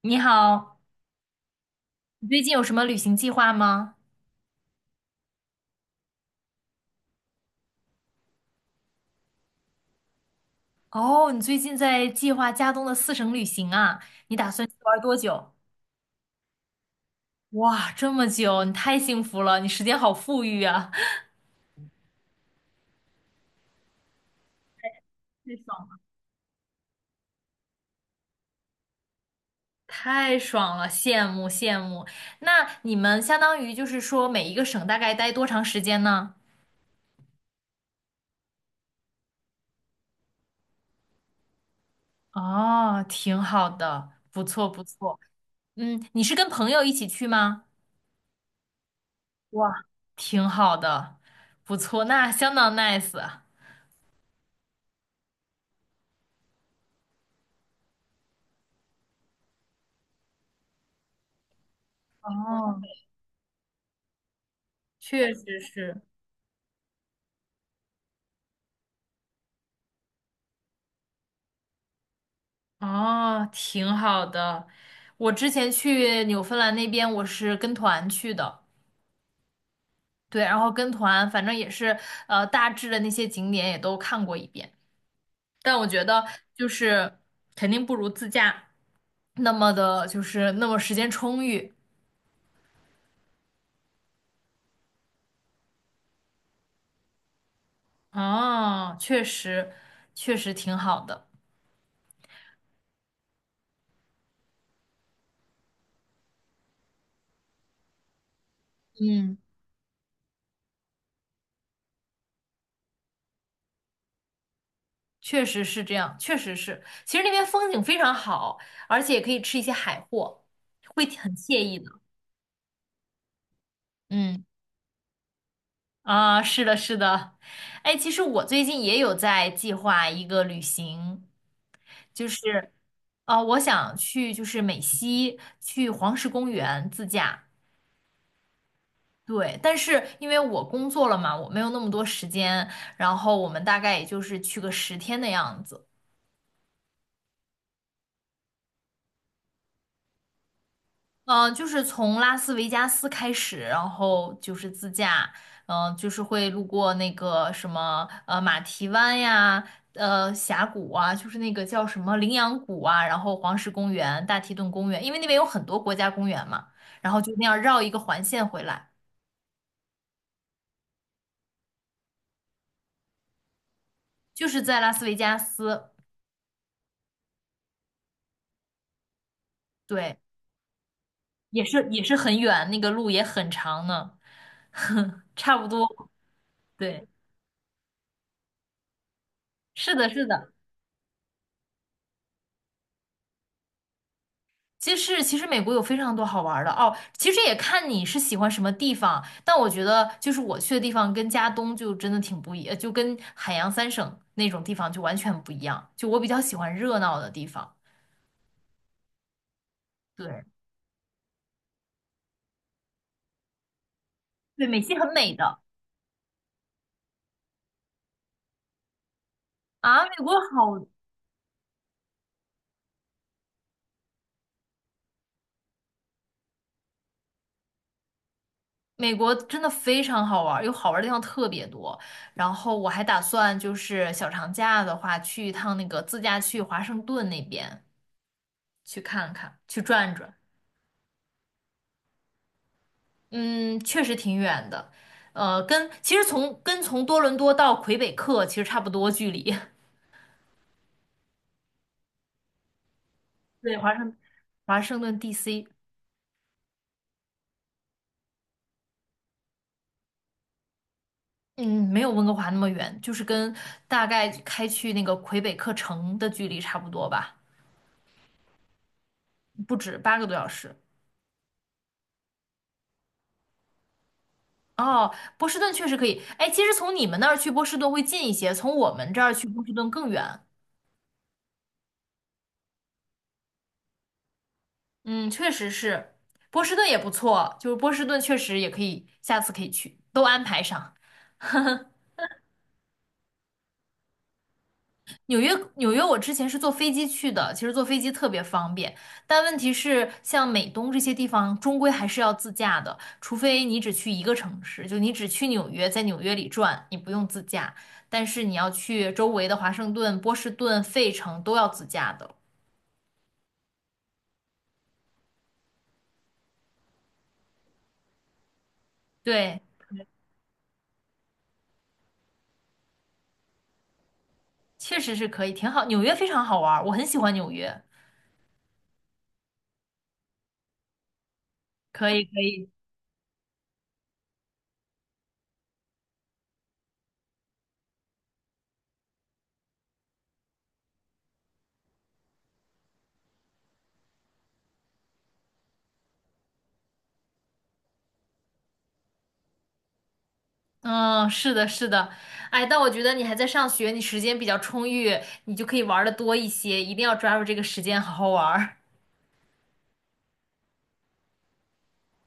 你好，你最近有什么旅行计划吗？哦，你最近在计划加东的四省旅行啊？你打算去玩多久？哇，这么久，你太幸福了，你时间好富裕啊，太爽了，太爽了，羡慕羡慕。那你们相当于每一个省大概待多长时间呢？哦，挺好的，不错不错。嗯，你是跟朋友一起去吗？哇，挺好的，不错，那相当 nice 啊。哦，确实是。哦，挺好的。我之前去纽芬兰那边，我是跟团去的，对，然后跟团，反正也是，大致的那些景点也都看过一遍。但我觉得就是肯定不如自驾那么的，那么时间充裕。啊，确实，确实挺好的。嗯，确实是这样，确实是。其实那边风景非常好，而且也可以吃一些海货，会很惬意的。嗯。啊，是的，是的。哎，其实我最近也有在计划一个旅行，就是，啊，我想去美西，去黄石公园自驾。对，但是因为我工作了嘛，我没有那么多时间，然后我们大概也就是去个十天的样子。就是从拉斯维加斯开始，然后就是自驾，就是会路过那个什么马蹄湾呀，峡谷啊，就是那个叫什么羚羊谷啊，然后黄石公园、大提顿公园，因为那边有很多国家公园嘛，然后就那样绕一个环线回来，就是在拉斯维加斯。对，也是也是很远，那个路也很长呢，差不多，对，是的，是的。其实，其实美国有非常多好玩儿的哦。其实也看你是喜欢什么地方，但我觉得我去的地方跟加东就真的挺不一，呃就跟海洋三省那种地方就完全不一样。就我比较喜欢热闹的地方，对对，美西很美的。啊，美国好，美国真的非常好玩儿，有好玩儿的地方特别多。然后我还打算小长假的话去一趟那个自驾去华盛顿那边去看看，去转转。嗯，确实挺远的，跟其实从多伦多到魁北克其实差不多距离。对，华盛顿 DC。嗯，没有温哥华那么远，就是跟大概开去那个魁北克城的距离差不多吧，不止八个多小时。哦，波士顿确实可以。哎，其实从你们那儿去波士顿会近一些，从我们这儿去波士顿更远。嗯，确实是，波士顿也不错，波士顿确实也可以，下次可以去，都安排上。纽约，纽约，我之前是坐飞机去的，其实坐飞机特别方便，但问题是，像美东这些地方，终归还是要自驾的，除非你只去一个城市，就你只去纽约，在纽约里转，你不用自驾，但是你要去周围的华盛顿、波士顿、费城都要自驾的。对，确实是可以，挺好，纽约非常好玩儿，我很喜欢纽约。可以可以，嗯，是的，是的。哎，但我觉得你还在上学，你时间比较充裕，你就可以玩的多一些，一定要抓住这个时间好好玩儿。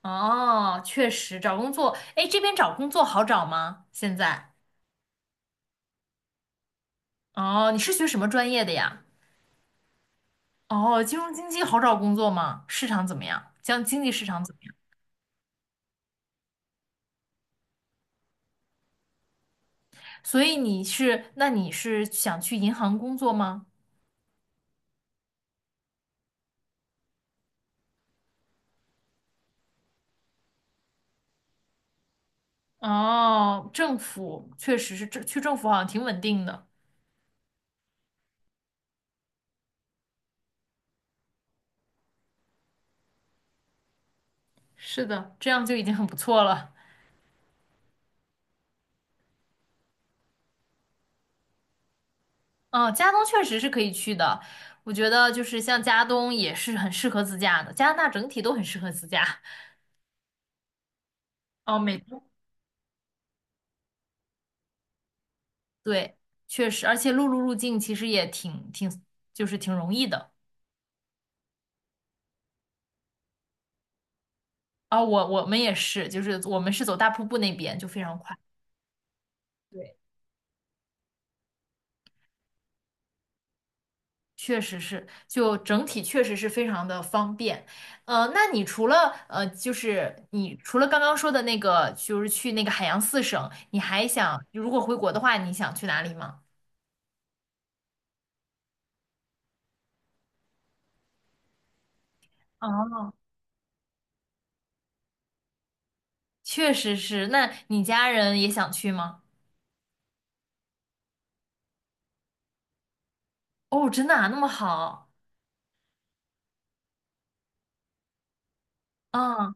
哦，确实，找工作，哎，这边找工作好找吗？现在？哦，你是学什么专业的呀？哦，金融经济好找工作吗？市场怎么样？将经济市场怎么样？所以你是，那你是想去银行工作吗？哦，政府确实是，政府好像挺稳定的。是的，这样就已经很不错了。哦，加东确实是可以去的，我觉得像加东也是很适合自驾的，加拿大整体都很适合自驾。哦，美东。对，确实，而且陆路入境其实也挺挺，就是挺容易的。我们也是，我们是走大瀑布那边就非常快。对，确实是，就整体确实是非常的方便。呃，那你除了呃，就是你除了刚刚说的那个，就是去那个海洋四省，你还想如果回国的话，你想去哪里吗？哦，确实是。那你家人也想去吗？哦，真的啊，那么好。嗯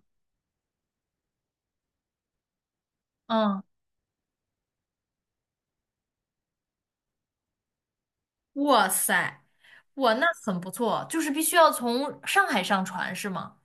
嗯，哇塞，哇，那很不错。就是必须要从上海上船是吗？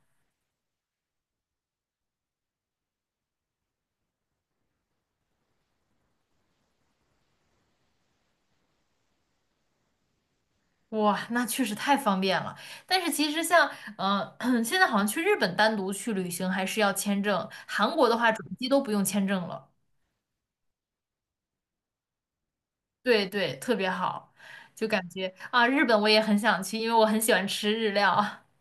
哇，那确实太方便了。但是其实像，嗯，现在好像去日本单独去旅行还是要签证，韩国的话转机都不用签证了。对对，特别好，就感觉啊，日本我也很想去，因为我很喜欢吃日料。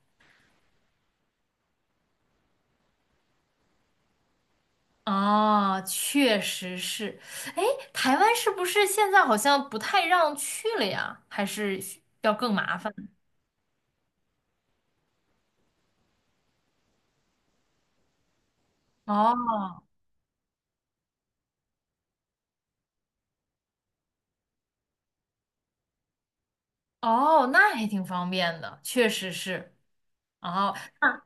哦，确实是。哎，台湾是不是现在好像不太让去了呀？还是需要更麻烦？哦哦，那还挺方便的，确实是。哦，那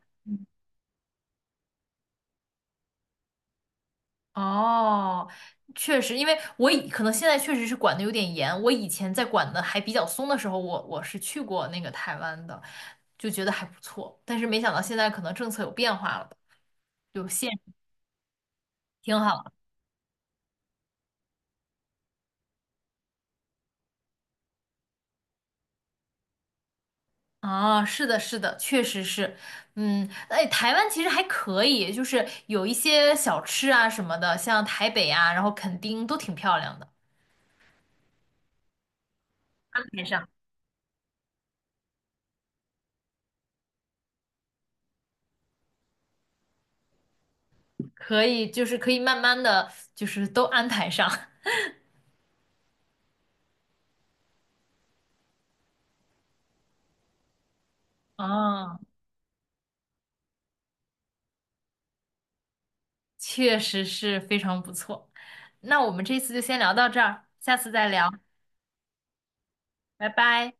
哦，确实，因为我以可能现在确实是管的有点严，我以前在管的还比较松的时候，我是去过那个台湾的，就觉得还不错，但是没想到现在可能政策有变化了有限挺好。啊，是的，是的，确实是，嗯，哎，台湾其实还可以，就是有一些小吃啊什么的，像台北啊，然后垦丁都挺漂亮的，安排上，可以，就是可以慢慢的，就是都安排上。啊，确实是非常不错。那我们这次就先聊到这儿，下次再聊，拜拜。